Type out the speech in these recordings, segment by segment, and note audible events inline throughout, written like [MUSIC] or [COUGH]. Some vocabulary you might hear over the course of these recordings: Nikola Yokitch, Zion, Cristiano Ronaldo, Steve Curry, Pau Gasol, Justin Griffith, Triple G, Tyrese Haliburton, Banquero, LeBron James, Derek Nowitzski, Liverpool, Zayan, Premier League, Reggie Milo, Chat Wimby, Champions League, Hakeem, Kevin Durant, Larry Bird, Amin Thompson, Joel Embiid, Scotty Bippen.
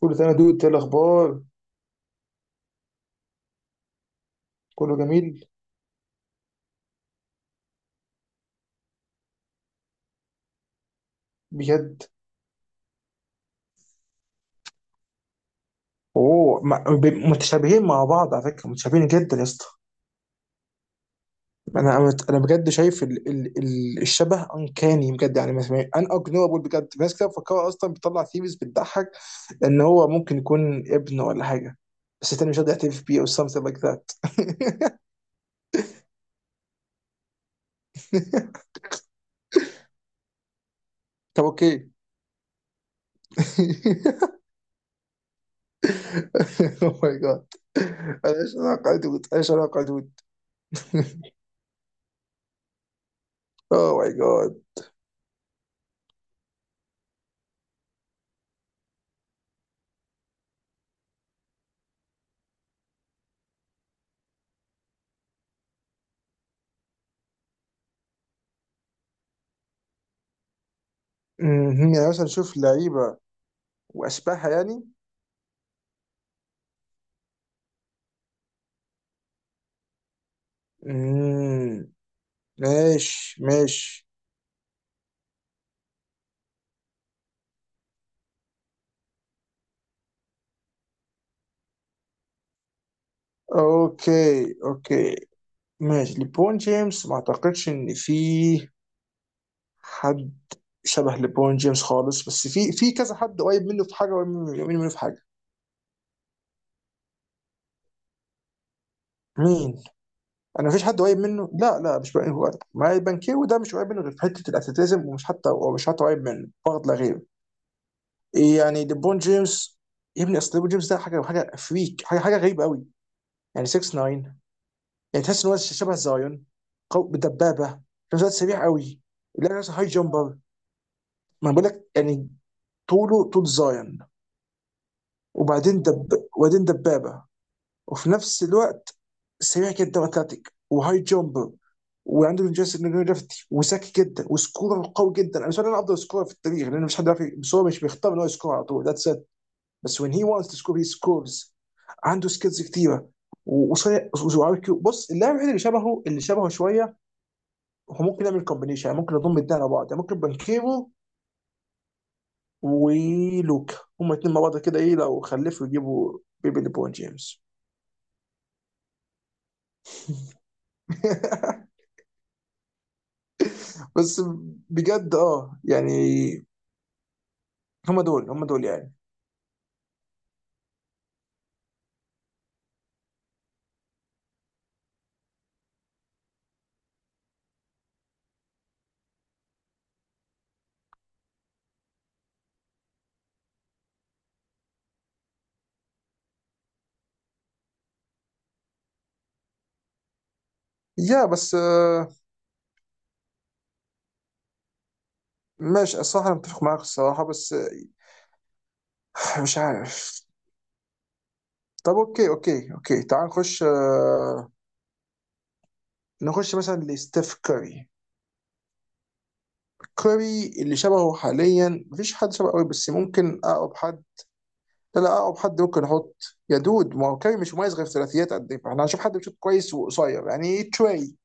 كله تمام يا دود، إيه الاخبار؟ كله جميل بجد. اوه ما- ب- متشابهين مع بعض على فكره، متشابهين جدا يا اسطى. انا انا أنا بجد شايف ال الشبه انكاني، بجد يعني مثلا ان اجنورابل. بجد في ناس كده مفكره اصلا بيطلع ثيريز، بتضحك ان هو ممكن يكون ابن ولا حاجه، بس التاني مش راضي يعترف بيه، او something like that. [LAUGHS] طب اوكي. [LAUGHS] اوه ماي جاد، ايش علاقه دود، ايش علاقه دود. [LAUGHS] اوه ماي جاد. [LAUGHS] مهم. يعني مثلا شوف لعيبه واشباهها يعني. امم، ماشي ماشي. اوكي اوكي، ماشي. ليبرون جيمس، ما اعتقدش ان في حد شبه ليبرون جيمس خالص، بس في كذا حد قريب منه في حاجه، قريب منه في حاجه. مين؟ انا مفيش حد قريب منه، لا لا، مش بقى هو. ما بانكيرو ده مش قريب منه غير في حته الاتليتيزم، ومش حتى قريب منه، فقط لا غير. يعني ليبرون جيمس يا ابني، اصل ليبرون جيمس ده حاجه، فريك حاجه غريبه قوي. يعني 6 9، يعني تحس ان هو شبه زايون. دبابه في نفس الوقت سريع قوي. لا، نفسه هاي جامبر. ما بقول لك، يعني طوله طول زايون. وبعدين دبابه وفي نفس الوقت سريع جدا واتلتيك وهاي جامبر، وعنده جاستن جرافيتي، وذكي جدا، وسكورر قوي جدا. انا بالنسبه لي انا افضل سكورر في التاريخ، لان مش حد عارف، بس هو مش بيختار ان هو يسكور على طول، ذاتس ات. بس when he wants to score he scores. عنده سكيلز كتيره وسريع بص، اللاعب الوحيد اللي شبهه شويه هو ممكن يعمل كومبينيشن، يعني ممكن يضم الدنيا على بعض، يعني ممكن بانكيرو ولوكا، هما الاثنين مع بعض كده. ايه لو خلفوا يجيبوا بيبي ليبرون جيمس؟ [LAUGHS] بس بجد اه يعني، هما دول يعني. يا بس آه، ماشي، الصراحة أنا متفق معاك الصراحة، بس آه، مش عارف. طب أوكي أوكي أوكي، تعال نخش آه، نخش مثلا لستيف كاري. كاري اللي شبهه حاليا مفيش حد شبهه قوي، بس ممكن أقرب حد. لا لا، اقرب حد ممكن احط. يا دود ما هو كاري مش مميز غير في ثلاثيات، قد ايه فاحنا هنشوف حد بيشوط كويس وقصير، يعني تري.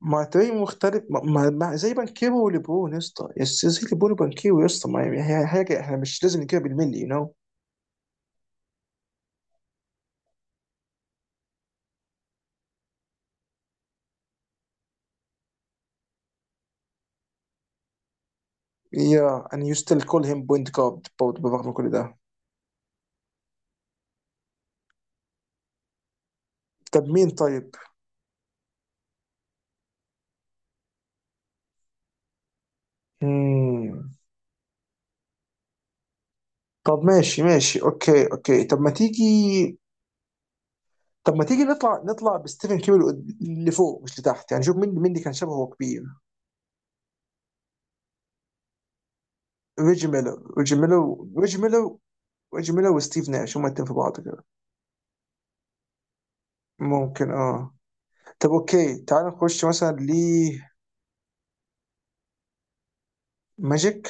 ما تري مختلف. ما زي بانكيرو وليبرون يا اسطى، زي ليبرون وبانكيرو يا اسطى، ما هي هي حاجه، احنا مش لازم نجيبها بالملي، يو نو. يا and you still call him point guard برضه بالرغم من كل ده. طب مين طيب؟ مم. طب ماشي ماشي، اوكي اوكي. طب ما تيجي، طب ما تيجي نطلع، نطلع بستيفن كيري لفوق مش لتحت يعني. شوف مين، مين اللي كان شبهه كبير. ريجي ميلو ريجي ميلو ريجي ميلو وستيف ناش، هما الاتنين في بعض كده. ممكن اه. طب اوكي، تعال نخش مثلا ل، ماجيك.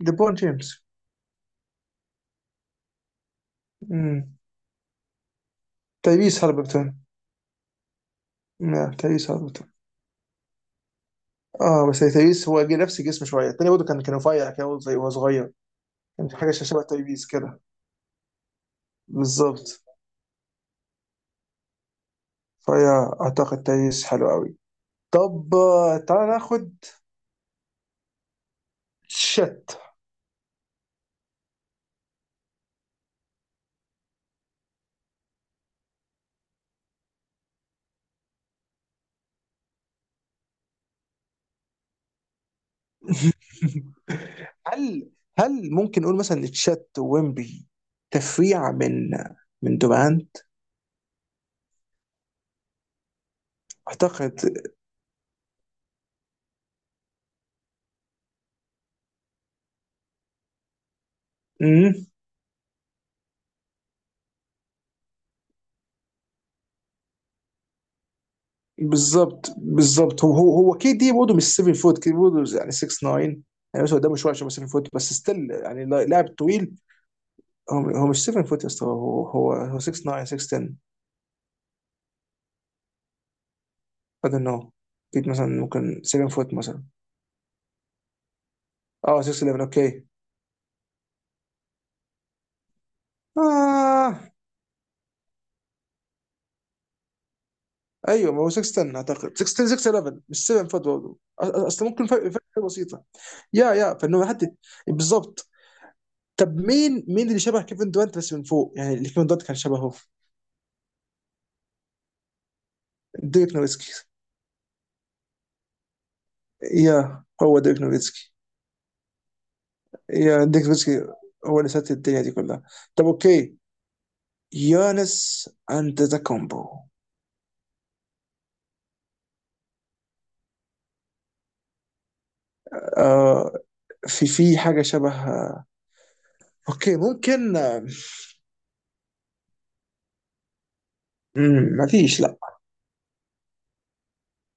ليبرون جيمس. امم. تايريس هالبرتون، لا تايريس هالبرتون. اه بس تايريس هو جه نفس الجسم شويه، التاني برضه كان رفيع كده برضه، زي وهو صغير. كان حاجه شبه تايريس كده. بالظبط، فيا اعتقد تايريس حلو قوي. طب آه، تعال ناخد، شت. [LAUGHS] هل، هل ممكن نقول مثلا ان تشات ويمبي تفريع من دورانت اعتقد. مم. بالظبط بالظبط. هو كي دي برضه مش 7 فوت، كي دي برضه يعني 6 9 يعني، بس قدامه شويه عشان 7 فوت، بس ستيل يعني لاعب طويل. هو مش 7 فوت يا اسطى، هو 6 9، 6 10. I don't know، اكيد مثلا ممكن 7 فوت مثلا. اه 6 11 اوكي. آه ايوه، ما هو 6 10، اعتقد 6 10 6 11، مش 7 فات برضه. اصل ممكن فرق، بسيطه يا يا فانه حد، بالظبط. طب مين، مين اللي شبه كيفن دورانت بس من فوق، يعني اللي كيفن دورانت كان شبهه؟ ديريك نوفيتسكي. يا هو ديريك نوفيتسكي، يا ديريك نوفيتسكي، هو اللي سات الدنيا دي كلها. طب اوكي، يانس اند ذا كومبو. آه، في في حاجه شبه، اوكي ممكن آه، مم، ما فيش لا.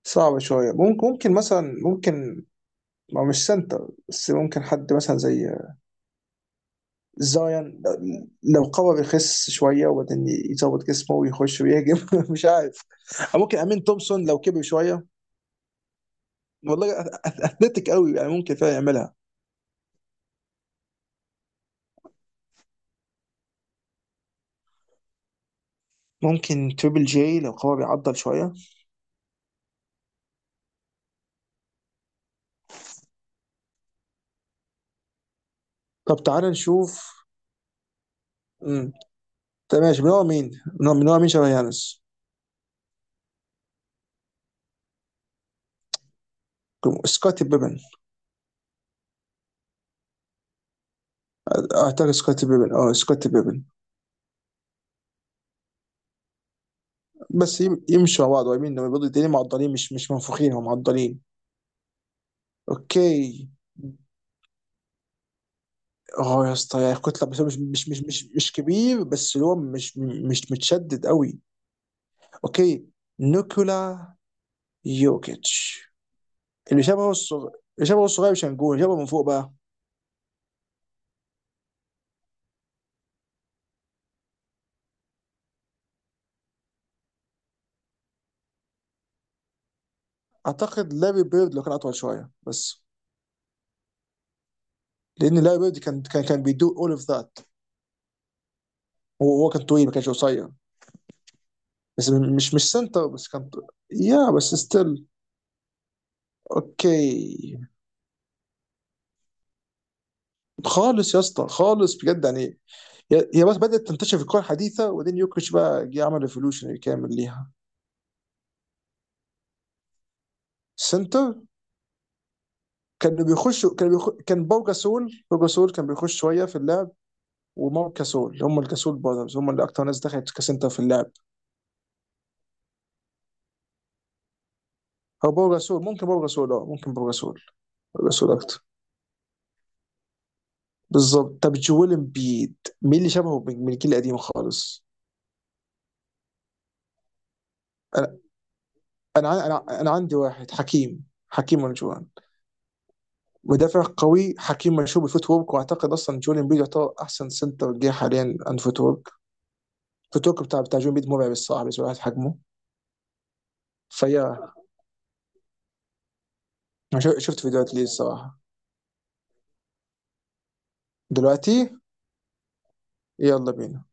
صعبه شويه، ممكن ممكن مثلا، ممكن. ما هو مش سنتر، بس ممكن حد مثلا زي زايان، لو قوى بيخس شويه وبعدين يظبط جسمه ويخش ويهجم. [LAUGHS] مش عارف. او ممكن امين تومسون لو كبر شويه. والله اثليتيك قوي، يعني ممكن فعلا يعملها. ممكن تريبل جي لو قوى بيعضل شويه. طب تعال نشوف. امم. طب ماشي، من هو مين؟ من هو، مين شبه يانس؟ سكوتي بيبن. اعتقد سكوتي بيبن، اه سكوتي بيبن. بس يمشوا مع بعض قريبين لما بيضوا، التنين معضلين، مش مش منفوخين، هم معضلين. اوكي. اه يا اسطى، يعني كتلة، بس هو مش مش كبير، بس اللي هو مش متشدد قوي. اوكي. نيكولا يوكيتش. اللي شبهه الصغير، اللي شبهه الصغير، مش هنقول اللي شبهه من فوق بقى. اعتقد لاري بيرد لو كان اطول شويه بس، لان لاري بيرد كان كان بيدو اول اوف ذات. هو هو كان طويل، ما كانش قصير. بس مش سنتر بس كان يا بس ستيل. اوكي. خالص يا اسطى، خالص بجد يعني. هي هي بس بدات تنتشر في الكره الحديثه، وبعدين يوكيتش بقى جه عمل ريفولوشن كامل ليها. سنتر، كانوا بيخشوا، كان باو جاسول، باو جاسول كان بيخش شويه في اللعب. ومارك جاسول، هم الجاسول براذرز، هم اللي اكتر ناس دخلت كسنتر في اللعب. او باو جاسول، ممكن باو جاسول، اه ممكن باو جاسول، باو جاسول اكتر. بالظبط. طب جويل امبيد، مين اللي شبهه من الجيل القديم خالص؟ انا أنا عندي واحد، حكيم. حكيم ونجوان، مدافع قوي. حكيم مشهور بالفوت ورك، واعتقد اصلا جويل امبيد يعتبر احسن سنتر جه حاليا عن فوت ورك. الفوت ورك بتاع جويل امبيد مرعب الصراحه بالنسبه لواحد حجمه. فيا انا شفت فيديوهات ليه الصراحه. دلوقتي؟ يلا بينا.